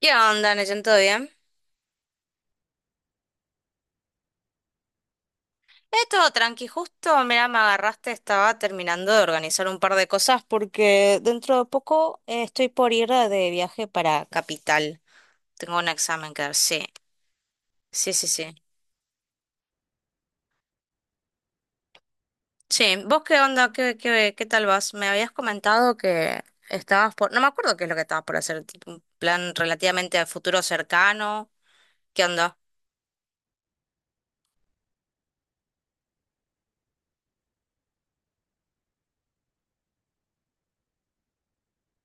¿Qué onda, Neyen? ¿Todo bien? Todo tranqui. Justo, mira, me agarraste, estaba terminando de organizar un par de cosas porque dentro de poco estoy por ir de viaje para Capital. Tengo un examen que dar, sí. Sí, sí, sí. Sí, ¿vos qué onda? ¿Qué, qué tal vas? Me habías comentado que estabas por... No me acuerdo qué es lo que estabas por hacer, tipo un plan relativamente a futuro cercano. ¿Qué onda?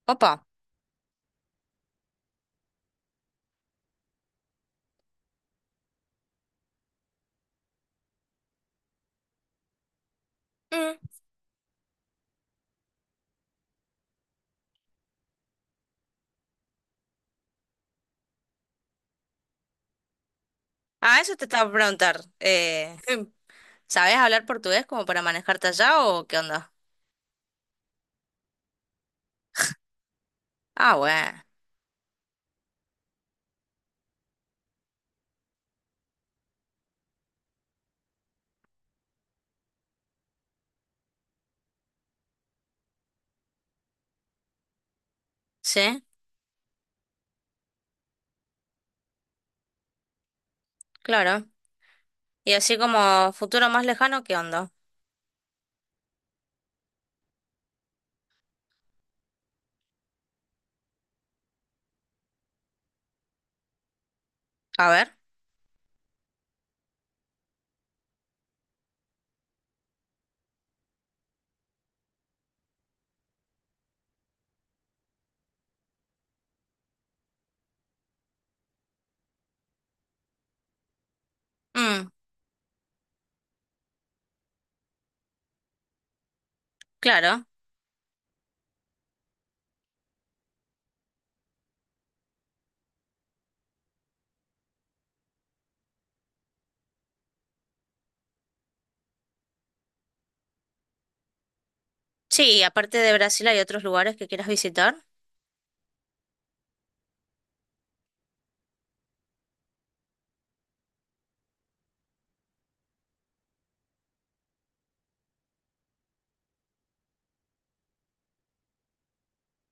Opa. Mm. Ah, eso te estaba por preguntar. ¿Sabés hablar portugués como para manejarte allá o qué onda? Ah, bueno. Sí, claro. Y así como futuro más lejano, ¿qué onda? A ver. Mm, claro. Sí, y aparte de Brasil hay otros lugares que quieras visitar.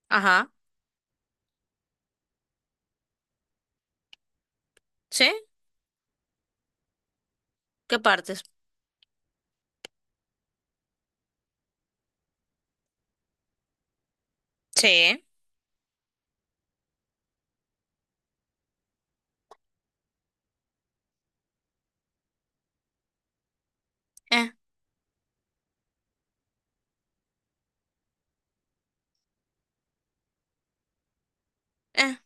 Ajá. ¿Sí? ¿Qué partes? Sí. Eh, eh.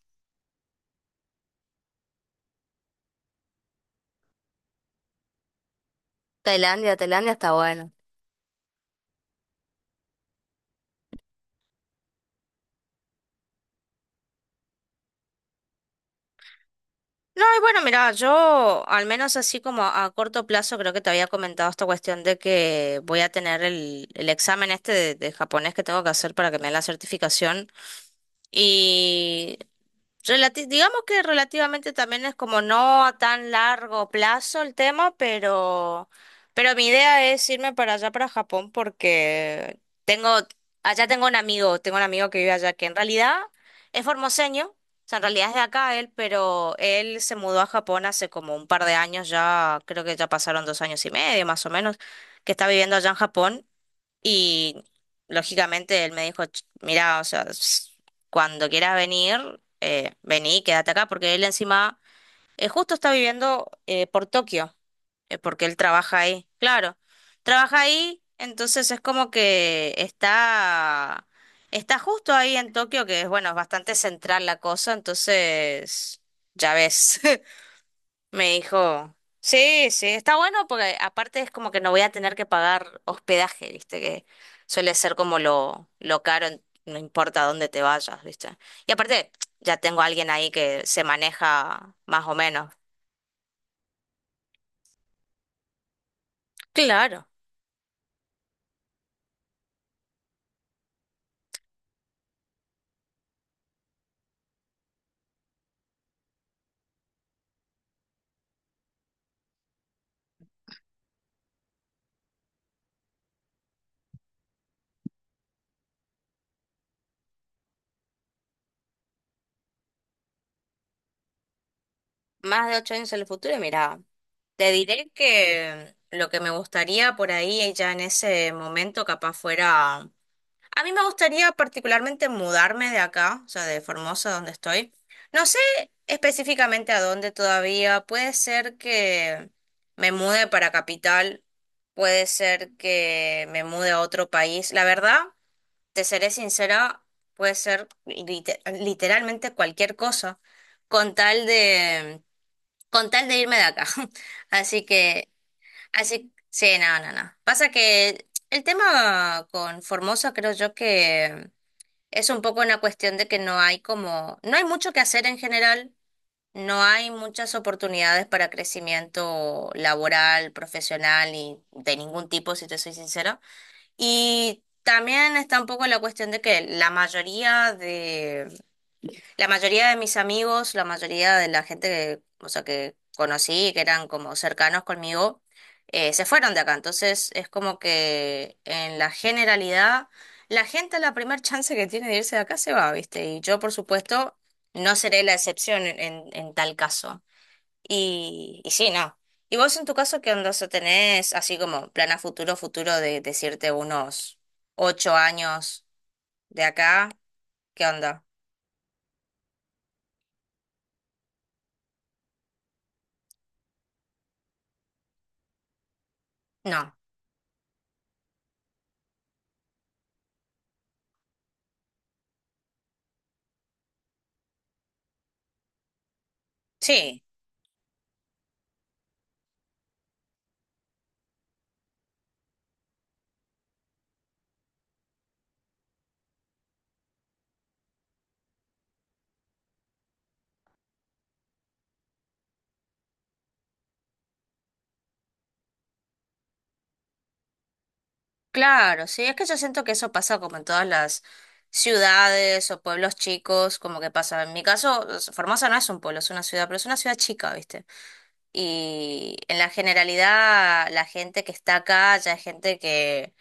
Tailandia, Tailandia está bueno. No, y bueno, mira, yo al menos así como a corto plazo creo que te había comentado esta cuestión de que voy a tener el examen este de japonés que tengo que hacer para que me den la certificación. Y relati- digamos que relativamente también no es como no a tan largo plazo el tema, pero mi idea es irme para allá, para Japón, porque tengo, allá tengo un amigo que vive allá, que en realidad es formoseño, o sea, en realidad es de acá él, pero él se mudó a Japón hace como un par de años ya, creo que ya pasaron 2 años y medio más o menos, que está viviendo allá en Japón. Y lógicamente él me dijo: "Ch- mirá, o sea, s- cuando quieras venir, vení, quédate acá", porque él encima justo está viviendo por Tokio, porque él trabaja ahí, claro, trabaja ahí, entonces es como que está, está justo ahí en Tokio, que es, bueno, es bastante central la cosa, entonces, ya ves. Me dijo, sí, sí, está bueno porque aparte es como que no voy a tener que pagar hospedaje, ¿viste? Que suele ser como lo caro, en- no importa dónde te vayas, ¿viste? Y aparte, ya tengo a alguien ahí que se maneja más o menos. Claro. Más de 8 años en el futuro, y mira, te diré que lo que me gustaría por ahí ya en ese momento capaz fuera... A mí me gustaría particularmente mudarme de acá, o sea, de Formosa, donde estoy. No sé específicamente a dónde todavía. Puede ser que me mude para capital, puede ser que me mude a otro país. La verdad, te seré sincera, puede ser lite- literalmente cualquier cosa, con tal de, con tal de irme de acá. Así que, así, sí, no, no, no. Pasa que el tema con Formosa creo yo que es un poco una cuestión de que no hay como, no hay mucho que hacer en general, no hay muchas oportunidades para crecimiento laboral, profesional y de ningún tipo, si te soy sincera. Y también está un poco la cuestión de que la mayoría de mis amigos, la mayoría de la gente que, o sea, que conocí, que eran como cercanos conmigo, se fueron de acá. Entonces es como que en la generalidad, la gente a la primer chance que tiene de irse de acá se va, ¿viste? Y yo, por supuesto, no seré la excepción en, en tal caso. Y sí, no. ¿Y vos en tu caso qué onda? O sea, ¿tenés así como plan a futuro, futuro de decirte unos 8 años de acá? ¿Qué onda? No. Sí. Claro, sí, es que yo siento que eso pasa como en todas las ciudades o pueblos chicos, como que pasa. En mi caso, es- Formosa no es un pueblo, es una ciudad, pero es una ciudad chica, ¿viste? Y en la generalidad, la gente que está acá ya es gente que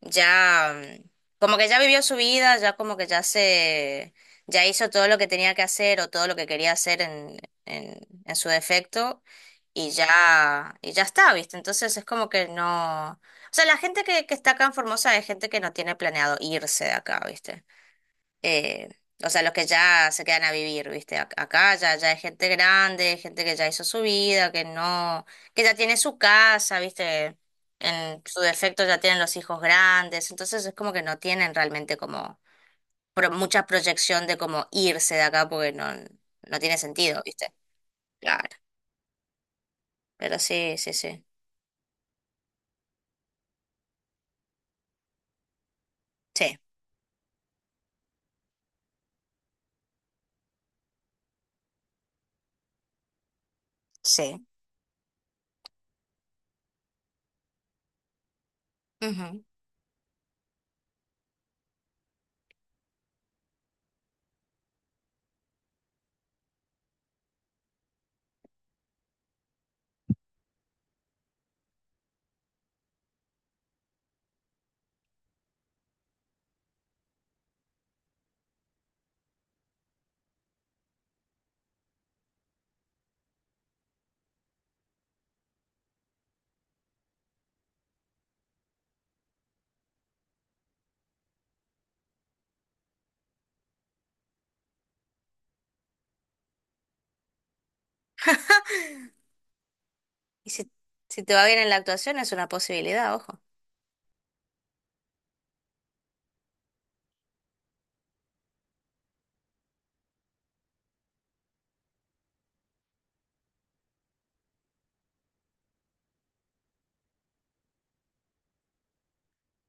ya como que ya vivió su vida, ya como que ya se, ya hizo todo lo que tenía que hacer o todo lo que quería hacer en, en su defecto y ya está, ¿viste? Entonces es como que no, o sea, la gente que está acá en Formosa es gente que no tiene planeado irse de acá, ¿viste? eh, o sea, los que ya se quedan a vivir, ¿viste? Ac- acá ya, ya hay gente grande, gente que ya hizo su vida, que no, que ya tiene su casa, ¿viste? En su defecto ya tienen los hijos grandes, entonces es como que no tienen realmente como pro- mucha proyección de cómo irse de acá porque no, no tiene sentido, ¿viste? Claro, pero sí, sí, sí. Sí, sí. Ujú. Y si, si te va bien en la actuación es una posibilidad, ojo.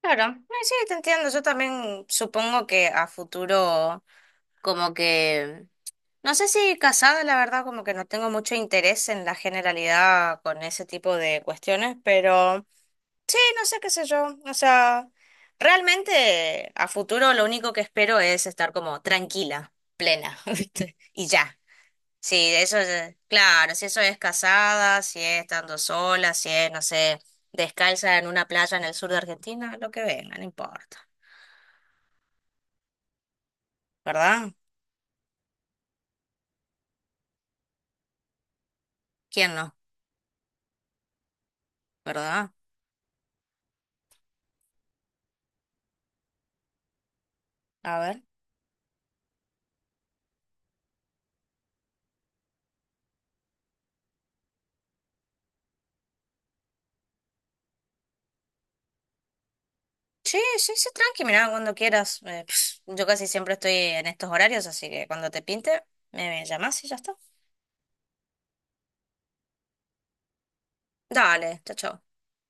Claro, no, sí, te entiendo. Yo también supongo que a futuro, como que, no sé si casada, la verdad, como que no tengo mucho interés en la generalidad con ese tipo de cuestiones, pero sí, no sé qué sé yo. O sea, realmente a futuro lo único que espero es estar como tranquila, plena, ¿viste? Y ya. Sí, de eso es, claro, si eso es casada, si es estando sola, si es, no sé, descalza en una playa en el sur de Argentina, lo que venga, no importa. ¿Verdad? ¿Quién no? ¿Verdad? A ver. Sí, sí, sí, tranqui, mirá, cuando quieras. Pss, yo casi siempre estoy en estos horarios, así que cuando te pinte, me llamás y ya está. Dale, chao, chao.